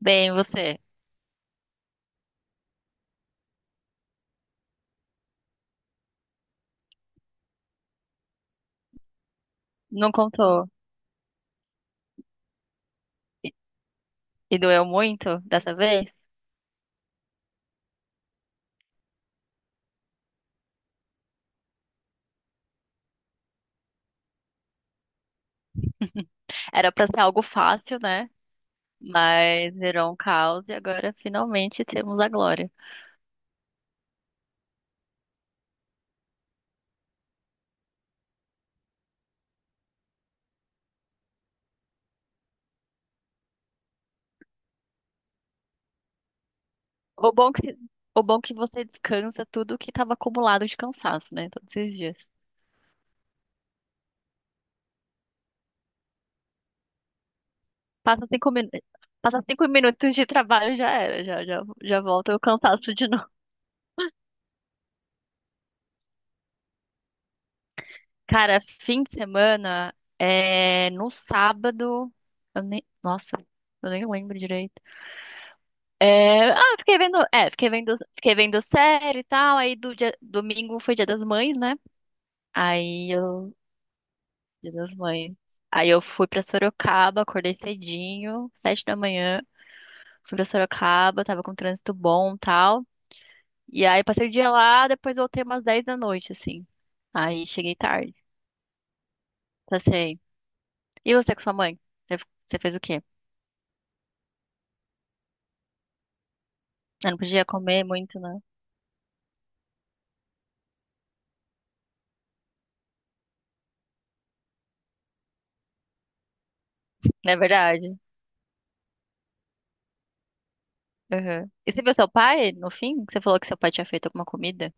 Bem, você? Não contou. E e doeu muito dessa vez? Era pra ser algo fácil, né? Mas virou um caos e agora finalmente temos a glória. O bom que, o bom que você descansa tudo que estava acumulado de cansaço, né? Todos esses dias. Passa 5 minutos. Passa cinco minutos de trabalho já era, já, já volta o cansaço de novo. Cara, fim de semana, no sábado, eu nem, nossa, eu nem lembro direito. É, ah, fiquei vendo, é, fiquei vendo série e tal. Aí domingo foi Dia das Mães, né? Aí eu, Dia das Mães. Aí eu fui pra Sorocaba, acordei cedinho, 7 da manhã, fui pra Sorocaba, tava com trânsito bom, e tal. E aí passei o dia lá, depois voltei umas 10 da noite, assim. Aí cheguei tarde, passei. E você com sua mãe? Você, você fez o quê? Eu não podia comer muito, né? Não é verdade? Uhum. E você viu seu pai no fim? Você falou que seu pai tinha feito alguma comida?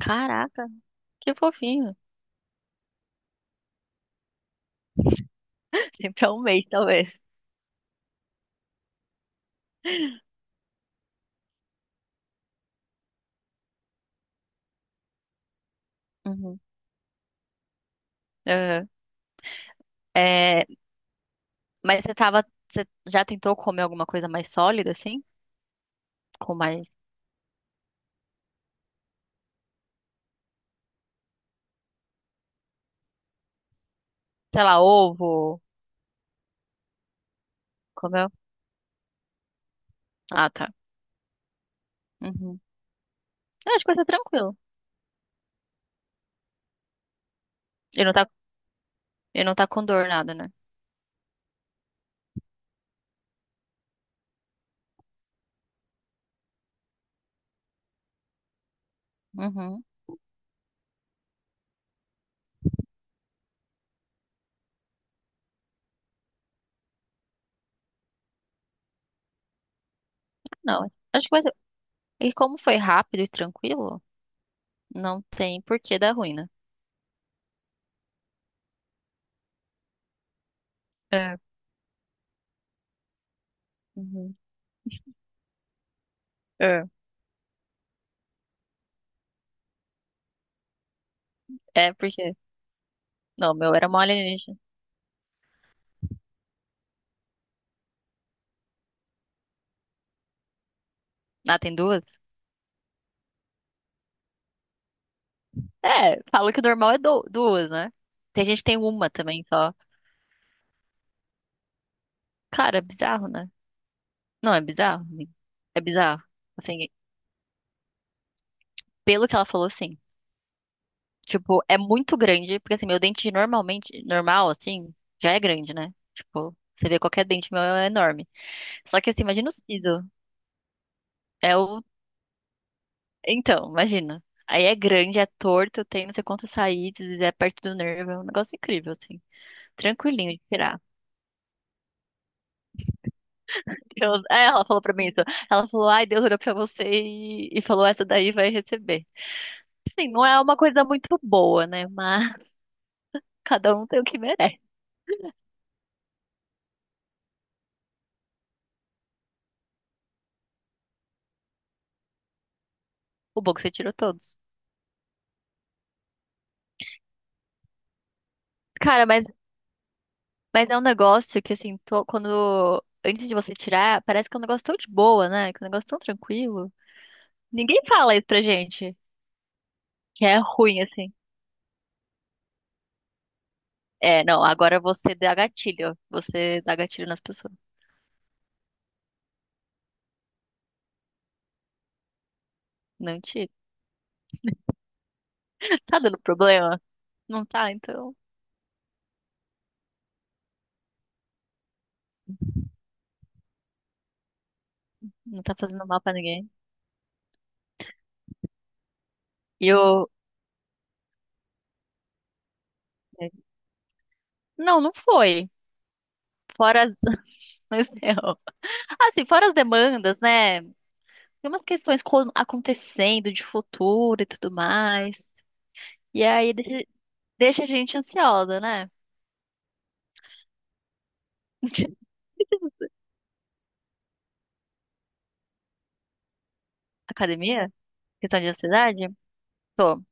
Caraca, que fofinho. Tem pra um mês, talvez. Uhum. Aham. É, mas você já tentou comer alguma coisa mais sólida, assim? Com mais, sei lá, ovo? Comeu? Ah, tá. Uhum. Eu acho que vai ser tranquilo. E não tá, e não tá com dor, nada, né? Uhum. Não, acho que vai ser. E como foi rápido e tranquilo, não tem por que dar ruim, né? É. Uhum. É. É, porque. Não, o meu era mole alienígena. Ah, tem duas? É, falam que o normal é duas, né? Tem gente que tem uma também só. Cara, é bizarro, né? Não, é bizarro, amigo. É bizarro. Assim, pelo que ela falou, sim. Tipo, é muito grande, porque assim, meu dente normalmente, normal, assim, já é grande, né? Tipo, você vê qualquer dente meu é enorme. Só que assim, imagina o siso. É o. Então, imagina. Aí é grande, é torto, tem não sei quantas saídas, é perto do nervo, é um negócio incrível, assim. Tranquilinho de tirar. Ela falou pra mim isso. Ela falou, ai, Deus olhou pra você e falou, essa daí vai receber. Sim, não é uma coisa muito boa, né? Mas cada um tem o que merece. O bom é que você tirou todos. Cara, mas é um negócio que, assim, quando... Antes de você tirar, parece que é um negócio tão de boa, né? Que é um negócio tão tranquilo. Ninguém fala isso pra gente, que é ruim, assim. É, não, agora você dá gatilho. Você dá gatilho nas pessoas. Não tira. Tá dando problema? Não tá, então. Não tá fazendo mal pra ninguém. E eu, não não foi. Fora as... mas não. Assim, fora as demandas, né? Tem umas questões acontecendo de futuro e tudo mais. E aí deixa a gente ansiosa, né? Academia? Questão de ansiedade? Tô.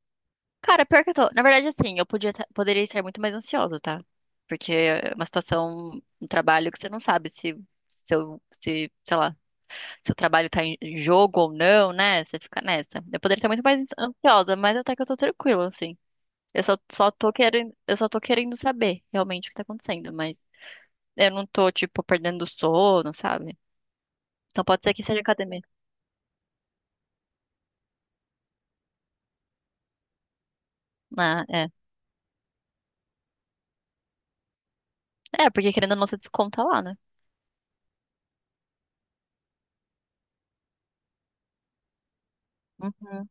Cara, pior que eu tô. Na verdade, assim, poderia estar muito mais ansiosa, tá? Porque é uma situação no trabalho que você não sabe se seu, se, sei lá, seu trabalho tá em jogo ou não, né? Você fica nessa. Eu poderia estar muito mais ansiosa, mas até que eu tô tranquila, assim. Eu só, só tô querendo, eu só tô querendo saber realmente o que tá acontecendo, mas eu não tô, tipo, perdendo o sono, sabe? Então pode ser que seja academia. Ah, é. É, porque querendo a nossa desconta lá, né? Uhum,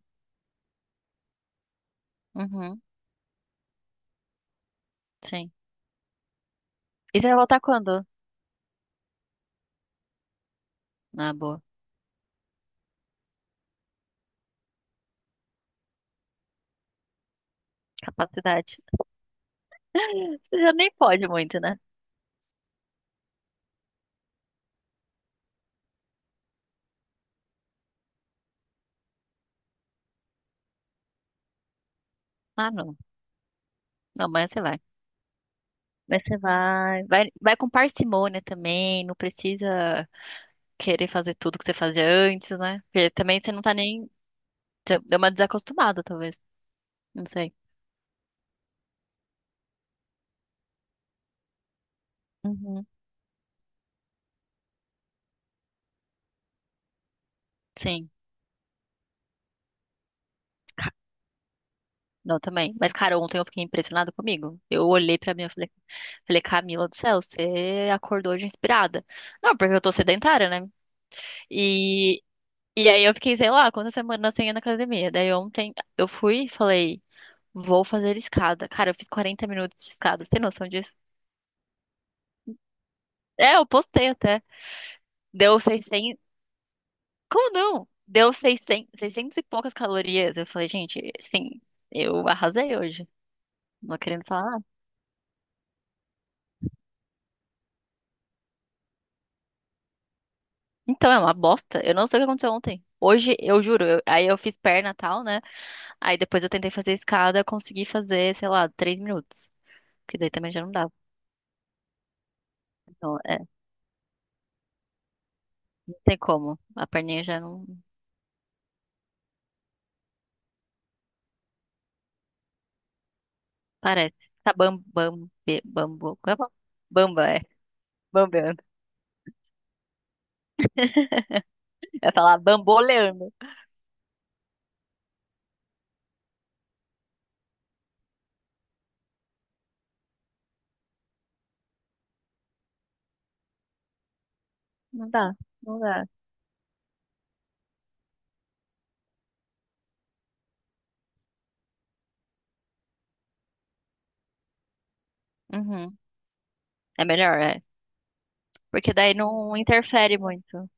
uhum, sim. E você vai voltar quando? Ah, boa. Capacidade. Você já nem pode muito, né? Ah, não. Não, mas você vai. Mas você vai. Vai, vai com parcimônia também, não precisa querer fazer tudo que você fazia antes, né? Porque também você não tá nem. Você deu uma desacostumada, talvez. Não sei. Uhum. Sim. Ca- Não, também. Mas, cara, ontem eu fiquei impressionada comigo. Eu olhei pra mim e falei, Camila do céu, você acordou hoje inspirada. Não, porque eu tô sedentária, né? E, e aí eu fiquei, sei lá, quantas semanas sem ir na academia. Daí ontem eu fui e falei, vou fazer escada. Cara, eu fiz 40 minutos de escada. Tem noção disso? É, eu postei até. Deu 600. Como não? Deu 600, 600 e poucas calorias. Eu falei, gente, sim, eu arrasei hoje. Não querendo falar. Então, é uma bosta. Eu não sei o que aconteceu ontem. Hoje, eu juro, aí eu fiz perna e tal, né? Aí depois eu tentei fazer escada, consegui fazer, sei lá, 3 minutos. Porque daí também já não dava. Então, é, não tem como. A perninha já não parece. Tá bam, bam, be- bambu. Como é que fala? Bamba, é. Bambeando. É falar bamboleando. Não dá, não dá. Uhum. É melhor, é. Porque daí não interfere muito.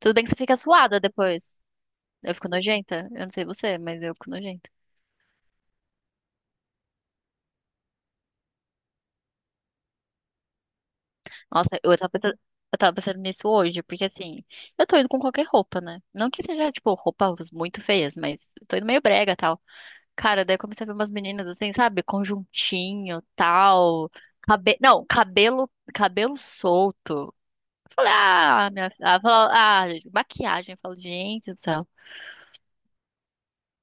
Tudo bem que você fica suada depois. Eu fico nojenta. Eu não sei você, mas eu fico nojenta. Nossa, eu tava pensando nisso hoje, porque assim, eu tô indo com qualquer roupa, né? Não que seja, tipo, roupas muito feias, mas eu tô indo meio brega e tal. Cara, daí eu comecei a ver umas meninas assim, sabe? Conjuntinho, tal. Cabe... Não, cabelo solto. Ah, gente, maquiagem. Eu falo, gente do céu.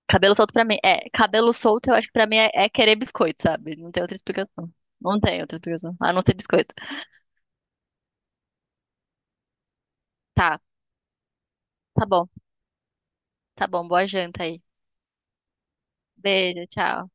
Cabelo solto pra mim. É, cabelo solto eu acho que pra mim é, querer biscoito, sabe? Não tem outra explicação. Não tem outra explicação. A não ser biscoito. Tá, tá bom. Tá bom, boa janta aí. Beijo, tchau.